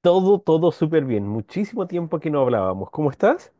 Todo, todo súper bien. Muchísimo tiempo que no hablábamos. ¿Cómo estás?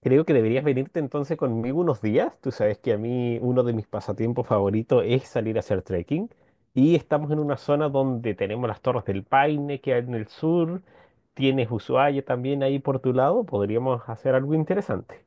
Creo que deberías venirte entonces conmigo unos días. Tú sabes que a mí uno de mis pasatiempos favoritos es salir a hacer trekking. Y estamos en una zona donde tenemos las Torres del Paine que hay en el sur. Tienes Ushuaia también ahí por tu lado. Podríamos hacer algo interesante.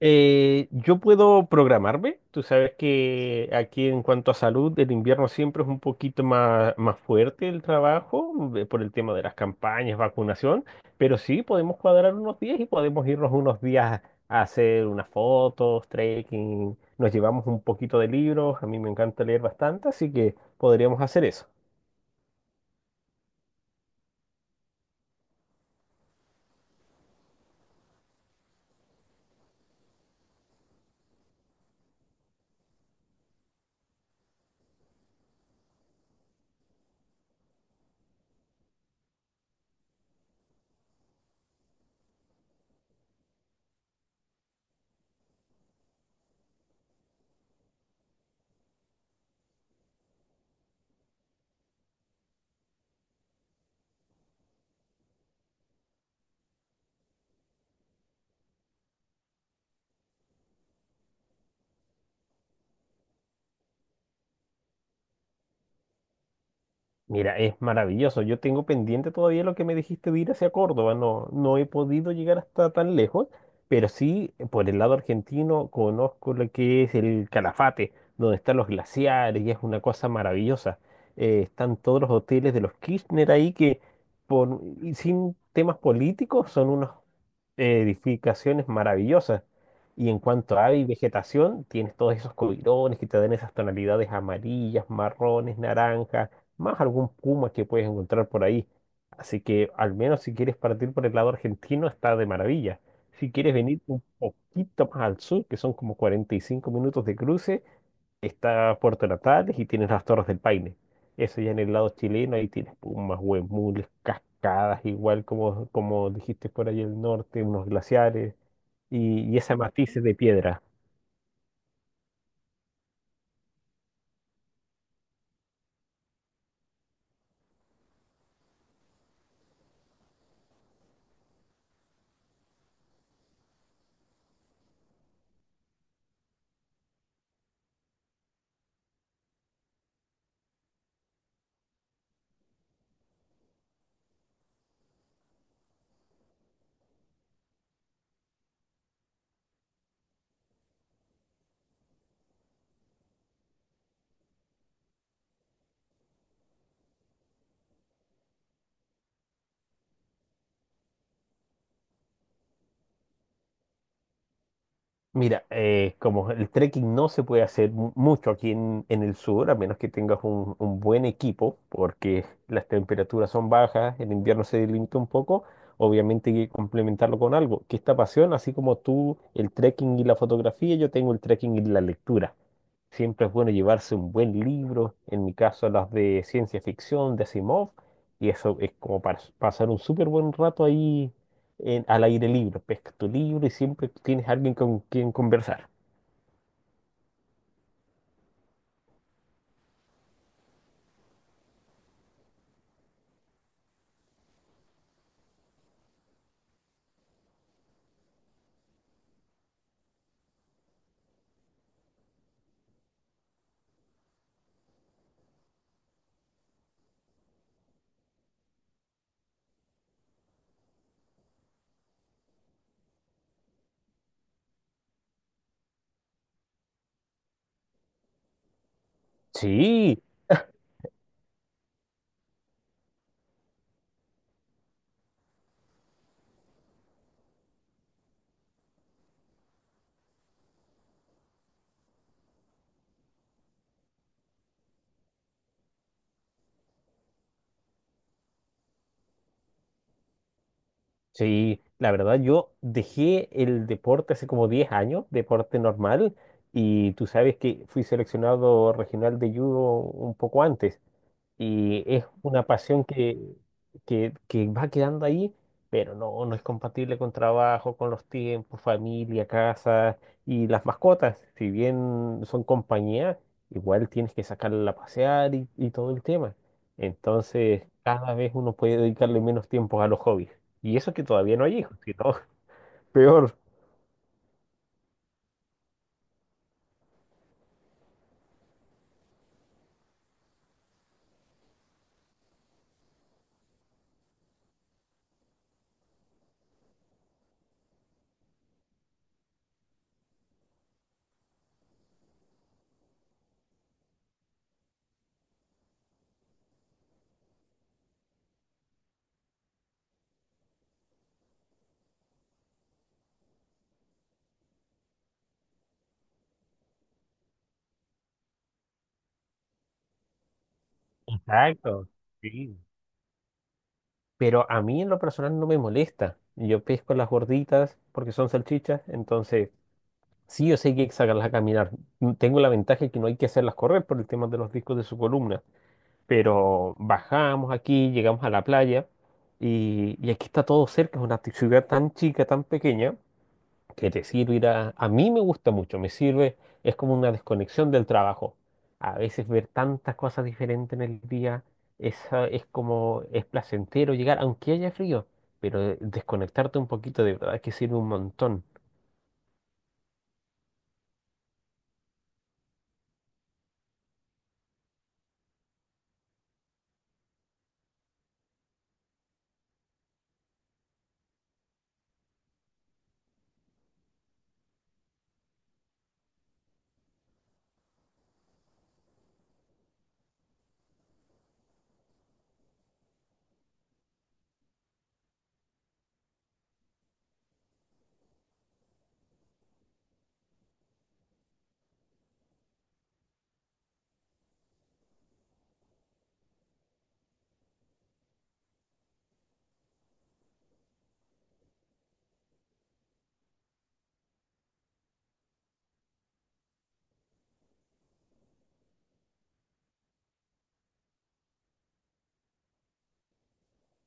Yo puedo programarme. Tú sabes que aquí en cuanto a salud, el invierno siempre es un poquito más fuerte el trabajo por el tema de las campañas, vacunación, pero sí podemos cuadrar unos días y podemos irnos unos días a hacer unas fotos, trekking, nos llevamos un poquito de libros, a mí me encanta leer bastante, así que podríamos hacer eso. Mira, es maravilloso. Yo tengo pendiente todavía lo que me dijiste de ir hacia Córdoba. No, he podido llegar hasta tan lejos, pero sí, por el lado argentino, conozco lo que es el Calafate, donde están los glaciares y es una cosa maravillosa. Están todos los hoteles de los Kirchner ahí por, y sin temas políticos, son unos edificaciones maravillosas. Y en cuanto a ave y vegetación, tienes todos esos coirones que te dan esas tonalidades amarillas, marrones, naranjas, más algún puma que puedes encontrar por ahí. Así que al menos si quieres partir por el lado argentino, está de maravilla. Si quieres venir un poquito más al sur, que son como 45 minutos de cruce, está Puerto Natales y tienes las Torres del Paine. Eso ya en el lado chileno, ahí tienes pumas, huemules, cascadas, igual como, como dijiste por ahí el norte, unos glaciares y esas matices de piedra. Mira, como el trekking no se puede hacer mucho aquí en el sur, a menos que tengas un buen equipo, porque las temperaturas son bajas, el invierno se limita un poco, obviamente hay que complementarlo con algo, que esta pasión, así como tú el trekking y la fotografía, yo tengo el trekking y la lectura. Siempre es bueno llevarse un buen libro, en mi caso las de ciencia ficción, de Asimov, y eso es como para pasar un súper buen rato ahí al aire libre. Pescas tu libro y siempre tienes alguien con quien conversar. Sí, sí, la verdad, yo dejé el deporte hace como 10 años, deporte normal, y tú sabes que fui seleccionado regional de judo un poco antes. Y es una pasión que va quedando ahí, pero no, es compatible con trabajo, con los tiempos, familia, casa y las mascotas. Si bien son compañía, igual tienes que sacarla a pasear y todo el tema. Entonces, cada vez uno puede dedicarle menos tiempo a los hobbies. Y eso que todavía no hay hijos, que todo peor. Exacto. Sí. Pero a mí en lo personal no me molesta. Yo pesco las gorditas porque son salchichas, entonces sí, yo sé que hay que sacarlas a caminar. Mm, tengo la ventaja que no hay que hacerlas correr por el tema de los discos de su columna. Pero bajamos aquí, llegamos a la playa y aquí está todo cerca. Es una ciudad tan chica, tan pequeña, que te sirve ir a A mí me gusta mucho, me sirve, es como una desconexión del trabajo. A veces ver tantas cosas diferentes en el día es, es como, es placentero llegar, aunque haya frío, pero desconectarte un poquito de verdad que sirve un montón.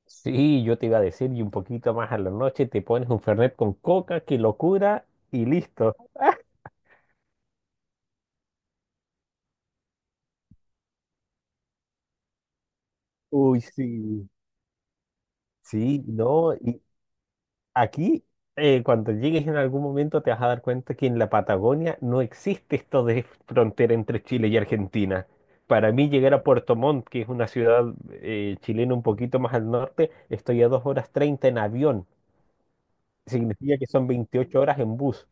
Sí, yo te iba a decir, y un poquito más a la noche te pones un Fernet con coca, qué locura, y listo. Uy, sí. Sí, no, y aquí cuando llegues en algún momento te vas a dar cuenta que en la Patagonia no existe esto de frontera entre Chile y Argentina. Para mí llegar a Puerto Montt, que es una ciudad chilena un poquito más al norte, estoy a 2 horas 30 en avión. Significa que son 28 horas en bus.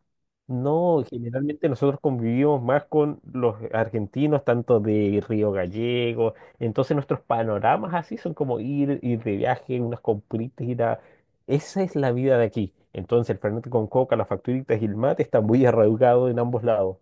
No, generalmente nosotros convivimos más con los argentinos, tanto de Río Gallego, entonces nuestros panoramas así son como ir de viaje, unas compritas, ir a Esa es la vida de aquí. Entonces el fernet con coca, las facturitas y el mate están muy arraigados en ambos lados.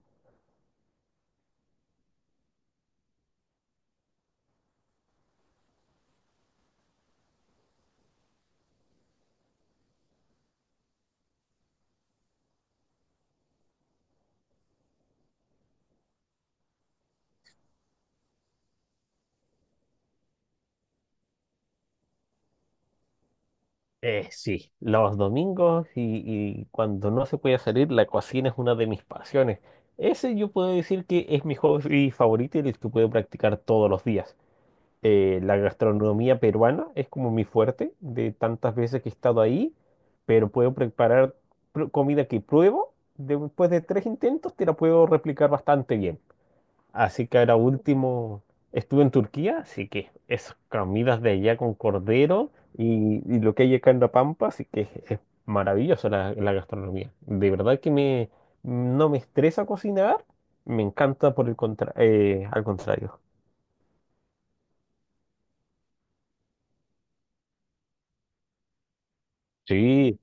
Sí, los domingos y cuando no se puede salir, la cocina es una de mis pasiones. Ese yo puedo decir que es mi hobby favorito y el que puedo practicar todos los días. La gastronomía peruana es como mi fuerte de tantas veces que he estado ahí, pero puedo comida que pruebo, después de tres intentos te la puedo replicar bastante bien. Así que ahora último estuve en Turquía, así que esas comidas de allá con cordero y lo que hay acá en La Pampa, así que es maravillosa la gastronomía. De verdad que no me estresa cocinar, me encanta por al contrario. Sí.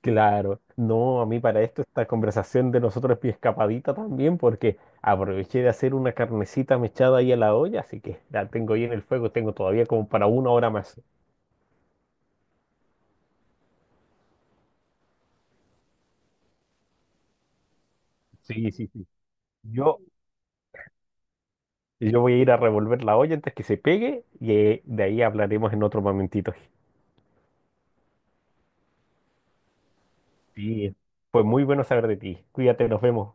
Claro, no, a mí para esto esta conversación de nosotros es mi escapadita también, porque aproveché de hacer una carnecita mechada ahí a la olla, así que la tengo ahí en el fuego, tengo todavía como para 1 hora más. Sí, sí, sí. Yo, yo voy a ir a revolver la olla antes que se pegue y de ahí hablaremos en otro momentito. Sí, fue muy bueno saber de ti. Cuídate, nos vemos.